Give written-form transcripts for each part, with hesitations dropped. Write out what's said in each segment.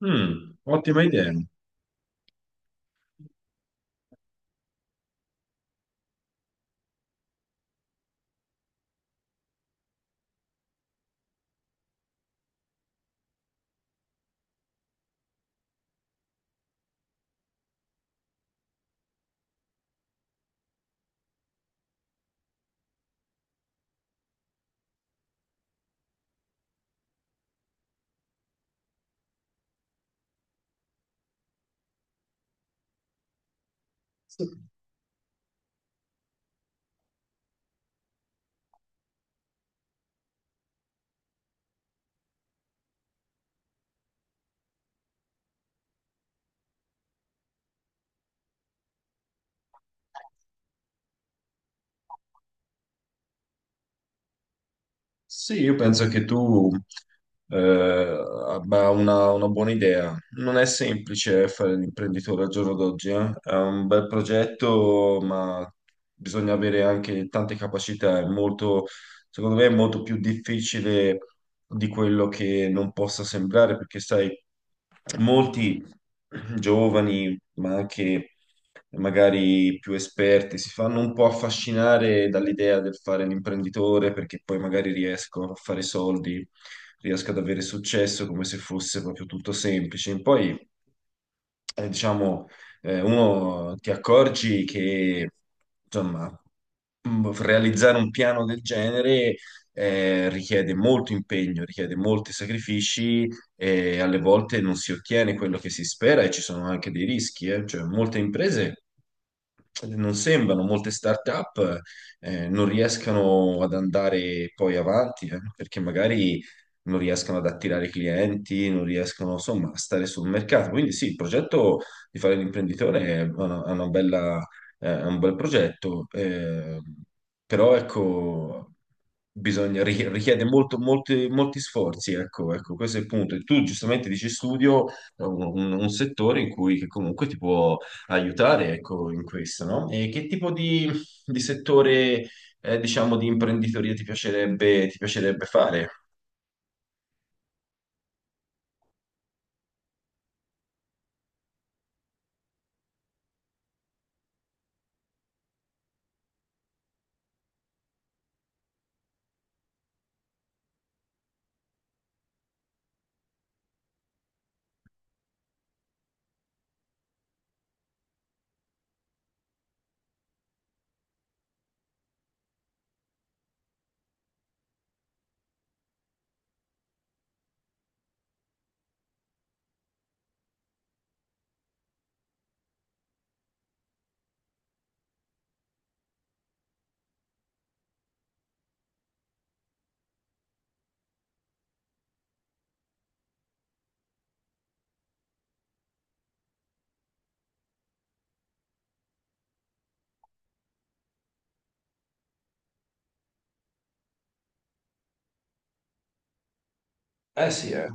Mm, ottima idea. Sì, io penso che tu abbia una buona idea. Non è semplice fare l'imprenditore al giorno d'oggi, eh. È un bel progetto, ma bisogna avere anche tante capacità. Secondo me, è molto più difficile di quello che non possa sembrare, perché sai, molti giovani ma anche magari più esperti, si fanno un po' affascinare dall'idea del fare l'imprenditore perché poi magari riesco a fare soldi, riesco ad avere successo come se fosse proprio tutto semplice. Poi, diciamo, uno ti accorgi che, insomma, realizzare un piano del genere richiede molto impegno, richiede molti sacrifici e alle volte non si ottiene quello che si spera e ci sono anche dei rischi, eh. Cioè, molte imprese non sembrano, molte start-up non riescano ad andare poi avanti, perché magari non riescono ad attirare clienti, non riescono insomma a stare sul mercato. Quindi sì, il progetto di fare l'imprenditore è è una bella è un bel progetto, però ecco, bisogna, richiede molto, molti, molti sforzi, ecco, ecco, questo è il punto. E tu giustamente dici studio, è un settore in cui che comunque ti può aiutare, ecco, in questo, no? E che tipo di settore, diciamo, di imprenditoria ti piacerebbe fare? Sì, eh.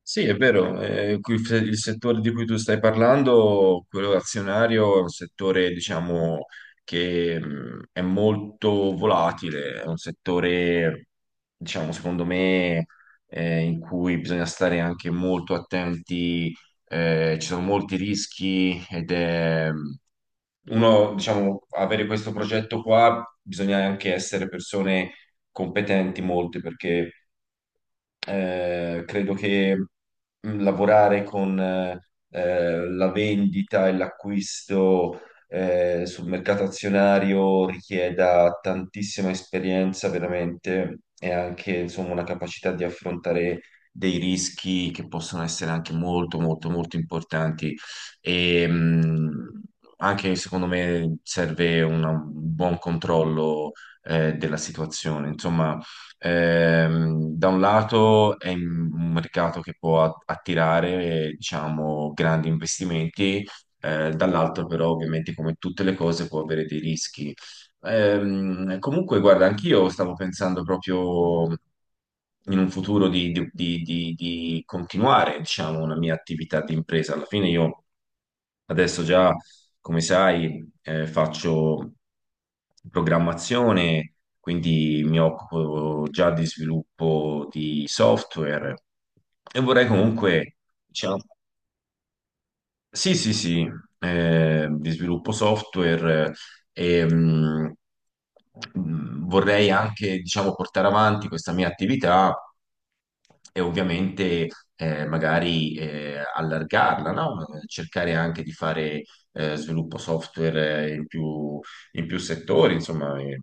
Sì, è vero, qui il settore di cui tu stai parlando, quello azionario, è un settore, diciamo, che è molto volatile, è un settore, diciamo, secondo me, in cui bisogna stare anche molto attenti, ci sono molti rischi ed è uno, diciamo, avere questo progetto qua bisogna anche essere persone competenti molte perché credo che lavorare con la vendita e l'acquisto sul mercato azionario richieda tantissima esperienza veramente e anche insomma una capacità di affrontare dei rischi che possono essere anche molto molto molto importanti e anche secondo me serve un buon controllo della situazione. Insomma, da un lato è un mercato che può attirare, diciamo, grandi investimenti, dall'altro però ovviamente come tutte le cose può avere dei rischi. Comunque, guarda, anch'io stavo pensando proprio in un futuro di continuare, diciamo, una mia attività di impresa. Alla fine io adesso già, come sai, faccio programmazione, quindi mi occupo già di sviluppo di software e vorrei comunque, diciamo, sì, sì, sì, di sviluppo software eh, e mh, vorrei anche, diciamo, portare avanti questa mia attività e ovviamente magari allargarla, no? Cercare anche di fare sviluppo software in più settori, insomma,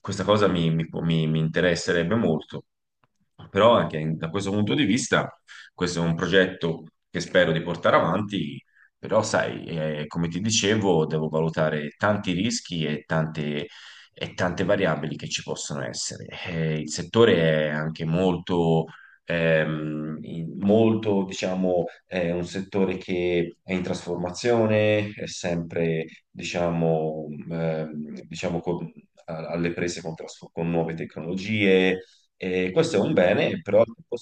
questa cosa mi interesserebbe molto. Però anche da questo punto di vista, questo è un progetto che spero di portare avanti, però sai, come ti dicevo, devo valutare tanti rischi e tante variabili che ci possono essere. Il settore è anche molto, molto, diciamo, è un settore che è in trasformazione, è sempre, diciamo, diciamo alle prese con, con nuove tecnologie. E questo è un bene, però al tempo.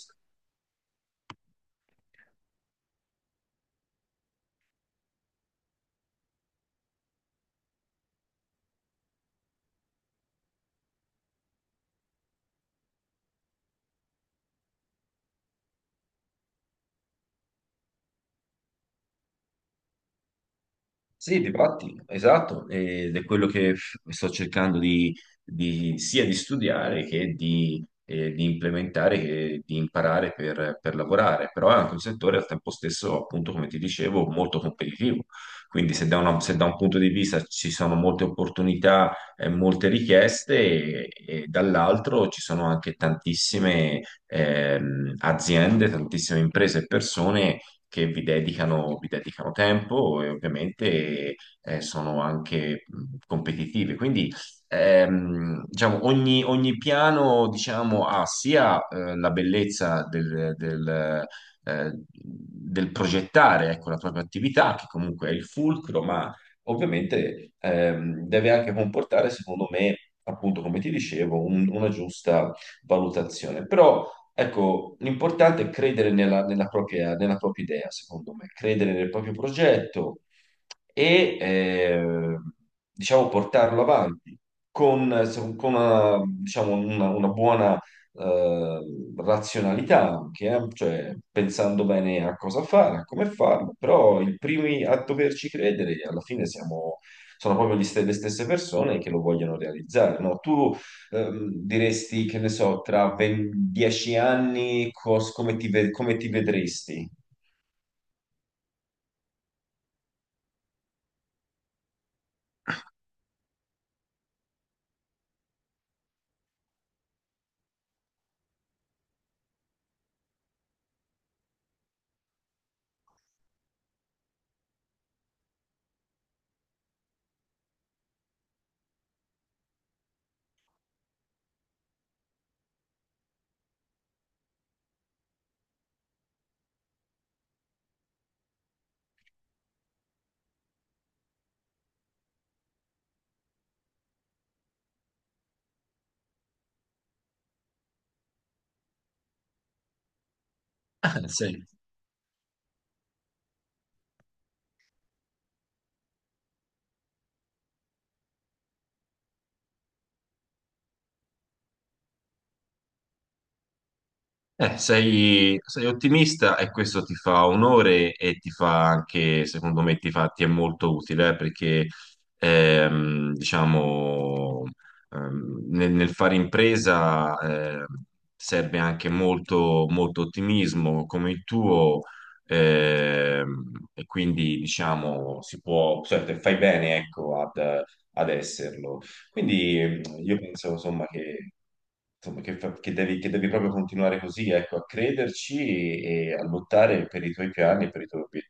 Sì, difatti, esatto, ed è quello che sto cercando sia di studiare che di implementare, che di imparare per lavorare, però è anche un settore al tempo stesso, appunto, come ti dicevo, molto competitivo, quindi se se da un punto di vista ci sono molte opportunità e molte richieste, e dall'altro ci sono anche tantissime aziende, tantissime imprese e persone che vi dedicano tempo e ovviamente sono anche competitive. Quindi diciamo, ogni, ogni piano diciamo, ha sia la bellezza del progettare ecco, la propria attività, che comunque è il fulcro, ma ovviamente deve anche comportare, secondo me, appunto, come ti dicevo, una giusta valutazione. Però ecco, l'importante è credere nella propria idea, secondo me, credere nel proprio progetto e, diciamo, portarlo avanti con, con una, diciamo, una buona, eh, razionalità anche, cioè, pensando bene a cosa fare, a come farlo, però i primi a doverci credere alla fine sono proprio le stesse persone che lo vogliono realizzare, no? Tu diresti, che ne so, tra 20 10 anni come come ti vedresti? Ah, sì. Sei, sei ottimista e questo ti fa onore e ti fa anche, secondo me, ti fa, ti è molto utile, perché diciamo, nel, nel fare impresa serve anche molto, molto ottimismo come il tuo, e quindi diciamo si può, cioè, fai bene, ecco, ad, ad esserlo. Quindi io penso, insomma, che, che devi proprio continuare così, ecco, a crederci e a lottare per i tuoi piani e per i tuoi obiettivi.